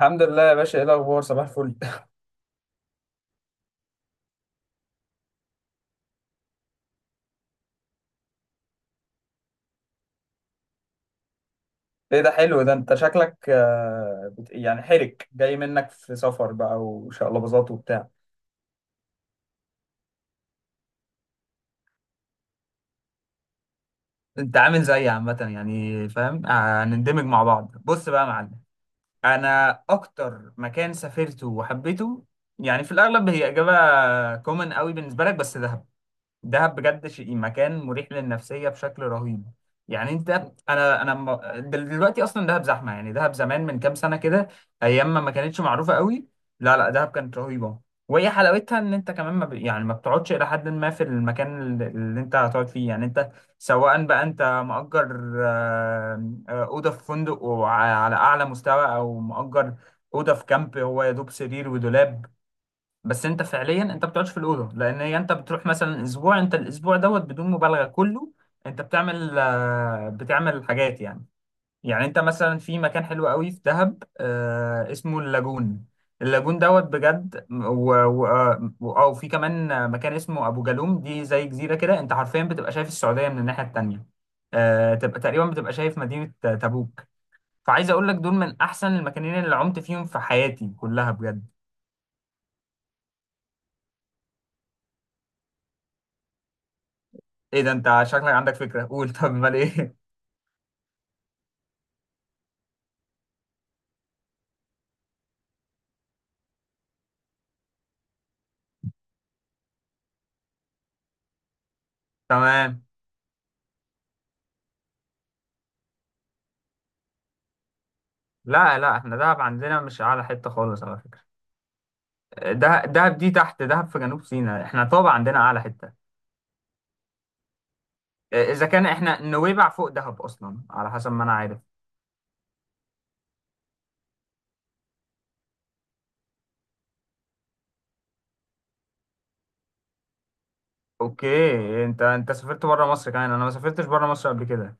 الحمد لله يا باشا، ايه الاخبار؟ صباح الفل. ايه ده حلو، ده انت شكلك يعني حرك جاي منك في سفر بقى وشقلباظات وبتاع. انت عامل زيي عامة، يعني فاهم، هنندمج مع بعض. بص بقى يا معلم، انا اكتر مكان سافرته وحبيته، يعني في الاغلب هي اجابة كومن قوي بالنسبة لك، بس دهب. دهب بجد شيء، مكان مريح للنفسية بشكل رهيب. يعني انت، انا انا م- دلوقتي اصلا دهب زحمة، يعني دهب زمان من كام سنة كده، ايام ما كانتش معروفة قوي. لا لا، دهب كانت رهيبة. وهي حلاوتها ان انت كمان ما ب... يعني ما بتقعدش الى حد ما في المكان اللي انت هتقعد فيه. يعني انت، سواء بقى انت مأجر أوضة في فندق على اعلى مستوى، او مأجر أوضة في كامب هو يا دوب سرير ودولاب. بس انت فعليا انت ما بتقعدش في الاوضه، لان هي انت بتروح مثلا اسبوع، انت الاسبوع دوت بدون مبالغه كله انت بتعمل حاجات يعني. يعني انت مثلا في مكان حلو قوي في دهب، اسمه اللاجون. اللاجون دوت بجد، و... و... آه، او في كمان مكان اسمه ابو جالوم. دي زي جزيره كده، انت حرفيا بتبقى شايف السعوديه من الناحيه التانيه، تبقى تقريبا بتبقى شايف مدينه تبوك. فعايز اقول لك دول من احسن المكانين اللي عمت فيهم في حياتي كلها بجد. ايه ده، انت شكلك عندك فكرة، قول. طب امال ايه؟ تمام. لا لا، احنا دهب عندنا مش اعلى حتة خالص على فكرة. دهب دهب دي تحت، دهب في جنوب سيناء، احنا طبعا عندنا اعلى حتة، اذا كان احنا نويبع فوق دهب اصلا على حسب ما انا عارف. اوكي، انت سافرت بره مصر كمان، انا ما سافرتش بره مصر قبل كده.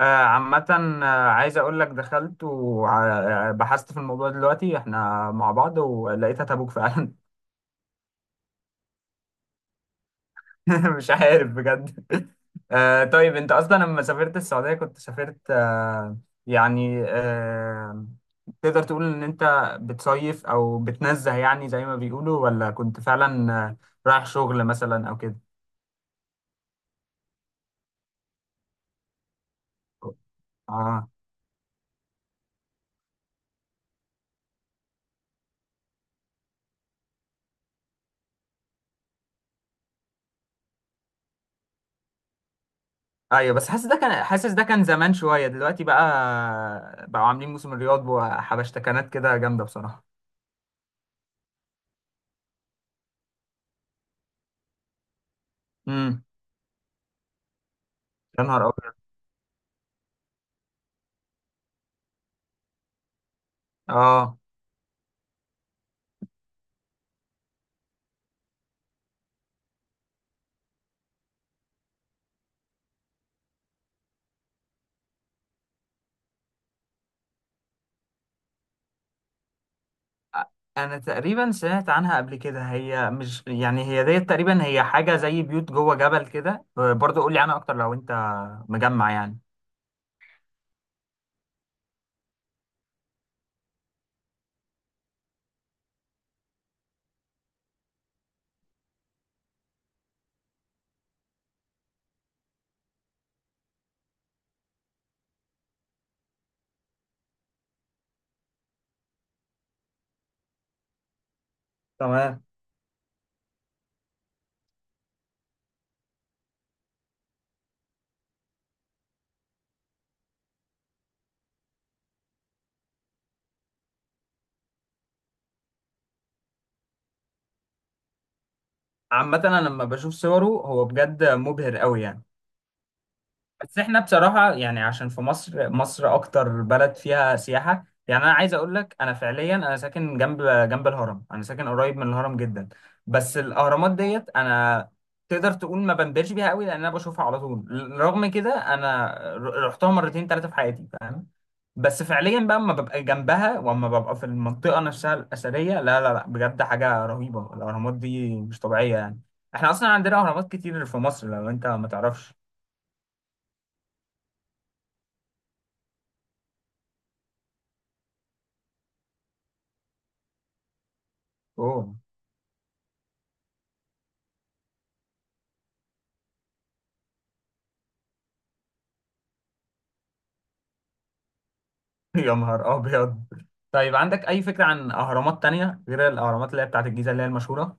آه عامة، عايز اقول لك دخلت وبحثت في الموضوع دلوقتي احنا مع بعض، ولقيتها تبوك فعلا. مش عارف بجد. آه طيب، انت اصلا لما سافرت السعودية كنت سافرت، يعني تقدر تقول ان انت بتصيف او بتنزه يعني زي ما بيقولوا، ولا كنت فعلا رايح شغل مثلا او كده. اه ايوه، بس حاسس ده كان زمان شوية، دلوقتي بقى بقوا عاملين موسم الرياض وحبشتكنات كده جامدة بصراحة. امم. يا نهار ابيض. اه، انا تقريبا سمعت عنها قبل كده، هي مش، يعني هي ديت تقريبا هي حاجه زي بيوت جوه جبل كده، برضه قول لي عنها اكتر لو انت مجمع يعني. تمام. عامه انا لما بشوف صوره هو بجد مبهر قوي يعني. بس احنا بصراحة يعني، عشان في مصر، مصر أكتر بلد فيها سياحة، يعني أنا عايز أقول لك أنا فعليا أنا ساكن جنب جنب الهرم، أنا ساكن قريب من الهرم جدا. بس الأهرامات ديت أنا تقدر تقول ما بنبهرش بيها قوي لأن أنا بشوفها على طول. رغم كده أنا رحتها مرتين ثلاثة في حياتي، فاهم. بس فعليا بقى لما ببقى جنبها وأما ببقى في المنطقة نفسها الأثرية، لا لا لا، بجد حاجة رهيبة، الأهرامات دي مش طبيعية يعني. احنا أصلا عندنا أهرامات كتير في مصر لو أنت ما تعرفش. أوه. يا نهار ابيض. طيب عندك اي فكره عن اهرامات تانية غير الاهرامات اللي هي بتاعت الجيزه اللي هي المشهوره؟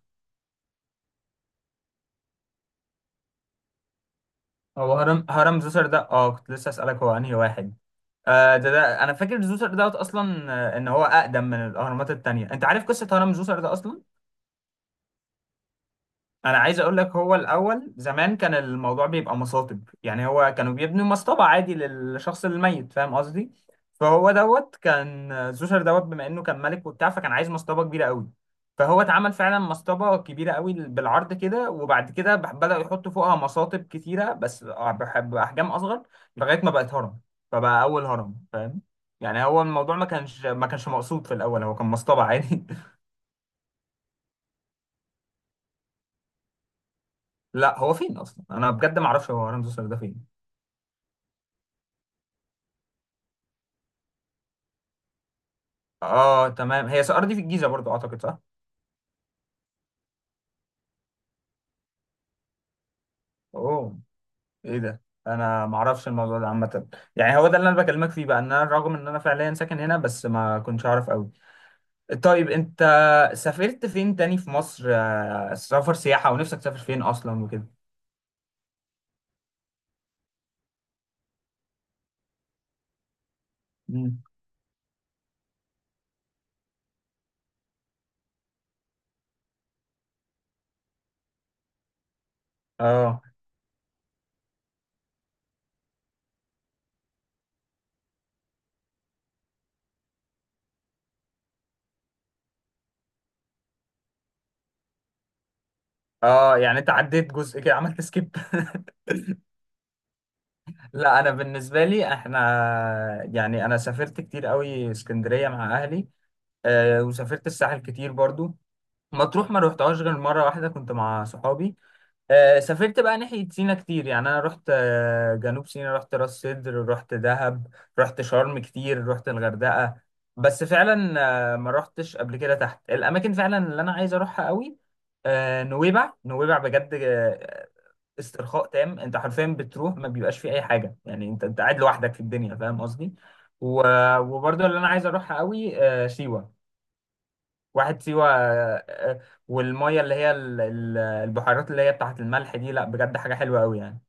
هو هرم زوسر ده، اه كنت لسه اسالك هو انهي واحد. آه ده انا فاكر زوسر دوت اصلا، ان هو اقدم من الاهرامات التانية. انت عارف قصه هرم زوسر ده اصلا؟ انا عايز اقول لك هو الاول زمان كان الموضوع بيبقى مصاطب، يعني هو كانوا بيبنوا مصطبة عادي للشخص الميت، فاهم قصدي. فهو دوت كان زوسر دوت بما انه كان ملك وبتاع، فكان عايز مصطبة كبيرة قوي. فهو اتعمل فعلا مصطبة كبيرة قوي بالعرض كده، وبعد كده بدأوا يحطوا فوقها مصاطب كتيرة بس بأحجام أصغر، لغاية ما بقت هرم. فبقى أول هرم، فاهم. يعني هو الموضوع ما كانش مقصود في الأول، هو كان مصطبة عادي. لا، هو فين أصلا، أنا بجد ما أعرفش هو هرم زوسر ده فين. اه تمام، هي سقارة دي في الجيزة برضو اعتقد صح؟ اوه. ايه ده؟ انا ما اعرفش الموضوع ده عامة، يعني هو ده اللي انا بكلمك فيه بقى، ان انا رغم ان انا فعليا ساكن هنا بس ما كنتش اعرف قوي. طيب انت سافرت فين تاني في مصر، سفر سياحة، ونفسك تسافر فين اصلا وكده؟ مم. اه اه، يعني انت عديت جزء كده، عملت سكيب. لا، انا بالنسبة لي احنا يعني انا سافرت كتير قوي اسكندرية مع اهلي، وسافرت الساحل كتير برضو. مطروح ما روحتهاش غير مرة واحدة كنت مع صحابي. سافرت بقى ناحية سينا كتير، يعني أنا رحت جنوب سينا، رحت راس سدر، رحت دهب، رحت شرم كتير، رحت الغردقة. بس فعلا ما رحتش قبل كده تحت، الأماكن فعلا اللي أنا عايز أروحها قوي نويبع. نويبع بجد، استرخاء تام، أنت حرفيا بتروح ما بيبقاش فيه أي حاجة، يعني أنت قاعد لوحدك في الدنيا فاهم قصدي. وبرضه اللي أنا عايز أروحها قوي سيوة. واحد سيوة، والمية اللي هي البحيرات اللي هي بتاعة الملح دي، لا بجد حاجة حلوة قوي يعني.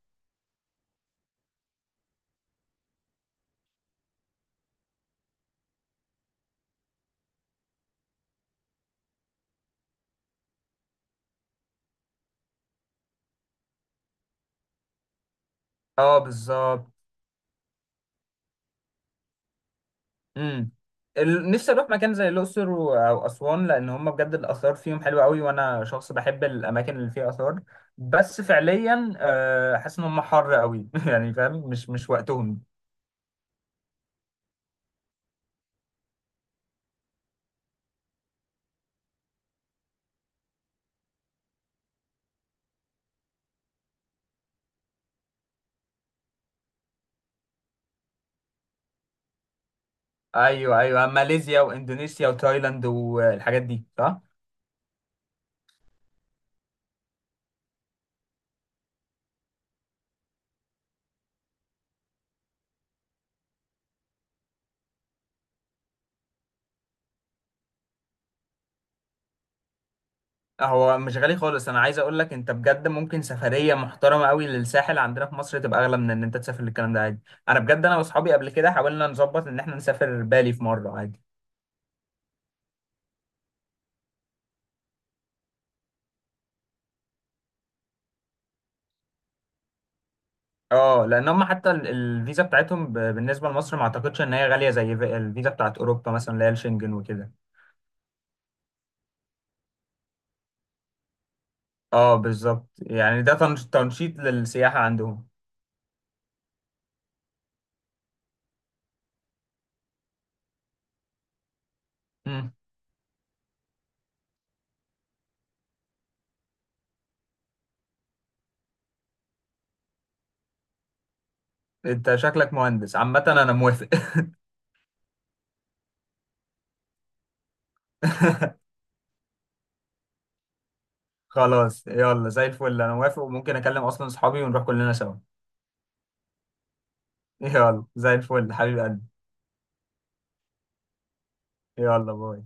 اه بالظبط. امم. نفسي اروح مكان زي الاقصر او اسوان، لان هم بجد الاثار فيهم حلوه قوي وانا شخص بحب الاماكن اللي فيها اثار. بس فعليا حاسس ان هم حر قوي. يعني فاهم، مش وقتهم. ايوه ايوه، ماليزيا واندونيسيا وتايلاند والحاجات دي صح. هو مش غالي خالص، انا عايز اقول لك انت بجد ممكن سفريه محترمه قوي للساحل عندنا في مصر تبقى اغلى من ان انت تسافر للكلام ده عادي. انا بجد انا واصحابي قبل كده حاولنا نظبط ان احنا نسافر بالي في مره عادي. اه، لان هم حتى الفيزا بتاعتهم بالنسبه لمصر ما اعتقدش ان هي غاليه زي الفيزا بتاعت اوروبا مثلا اللي هي الشنجن وكده. اه بالظبط، يعني ده تنشيط للسياحه عندهم. مم. انت شكلك مهندس، عامه انا موافق. خلاص يلا زي الفل، انا موافق وممكن اكلم اصلا اصحابي ونروح كلنا سوا. يلا زي الفل حبيب قلبي. يلا باي.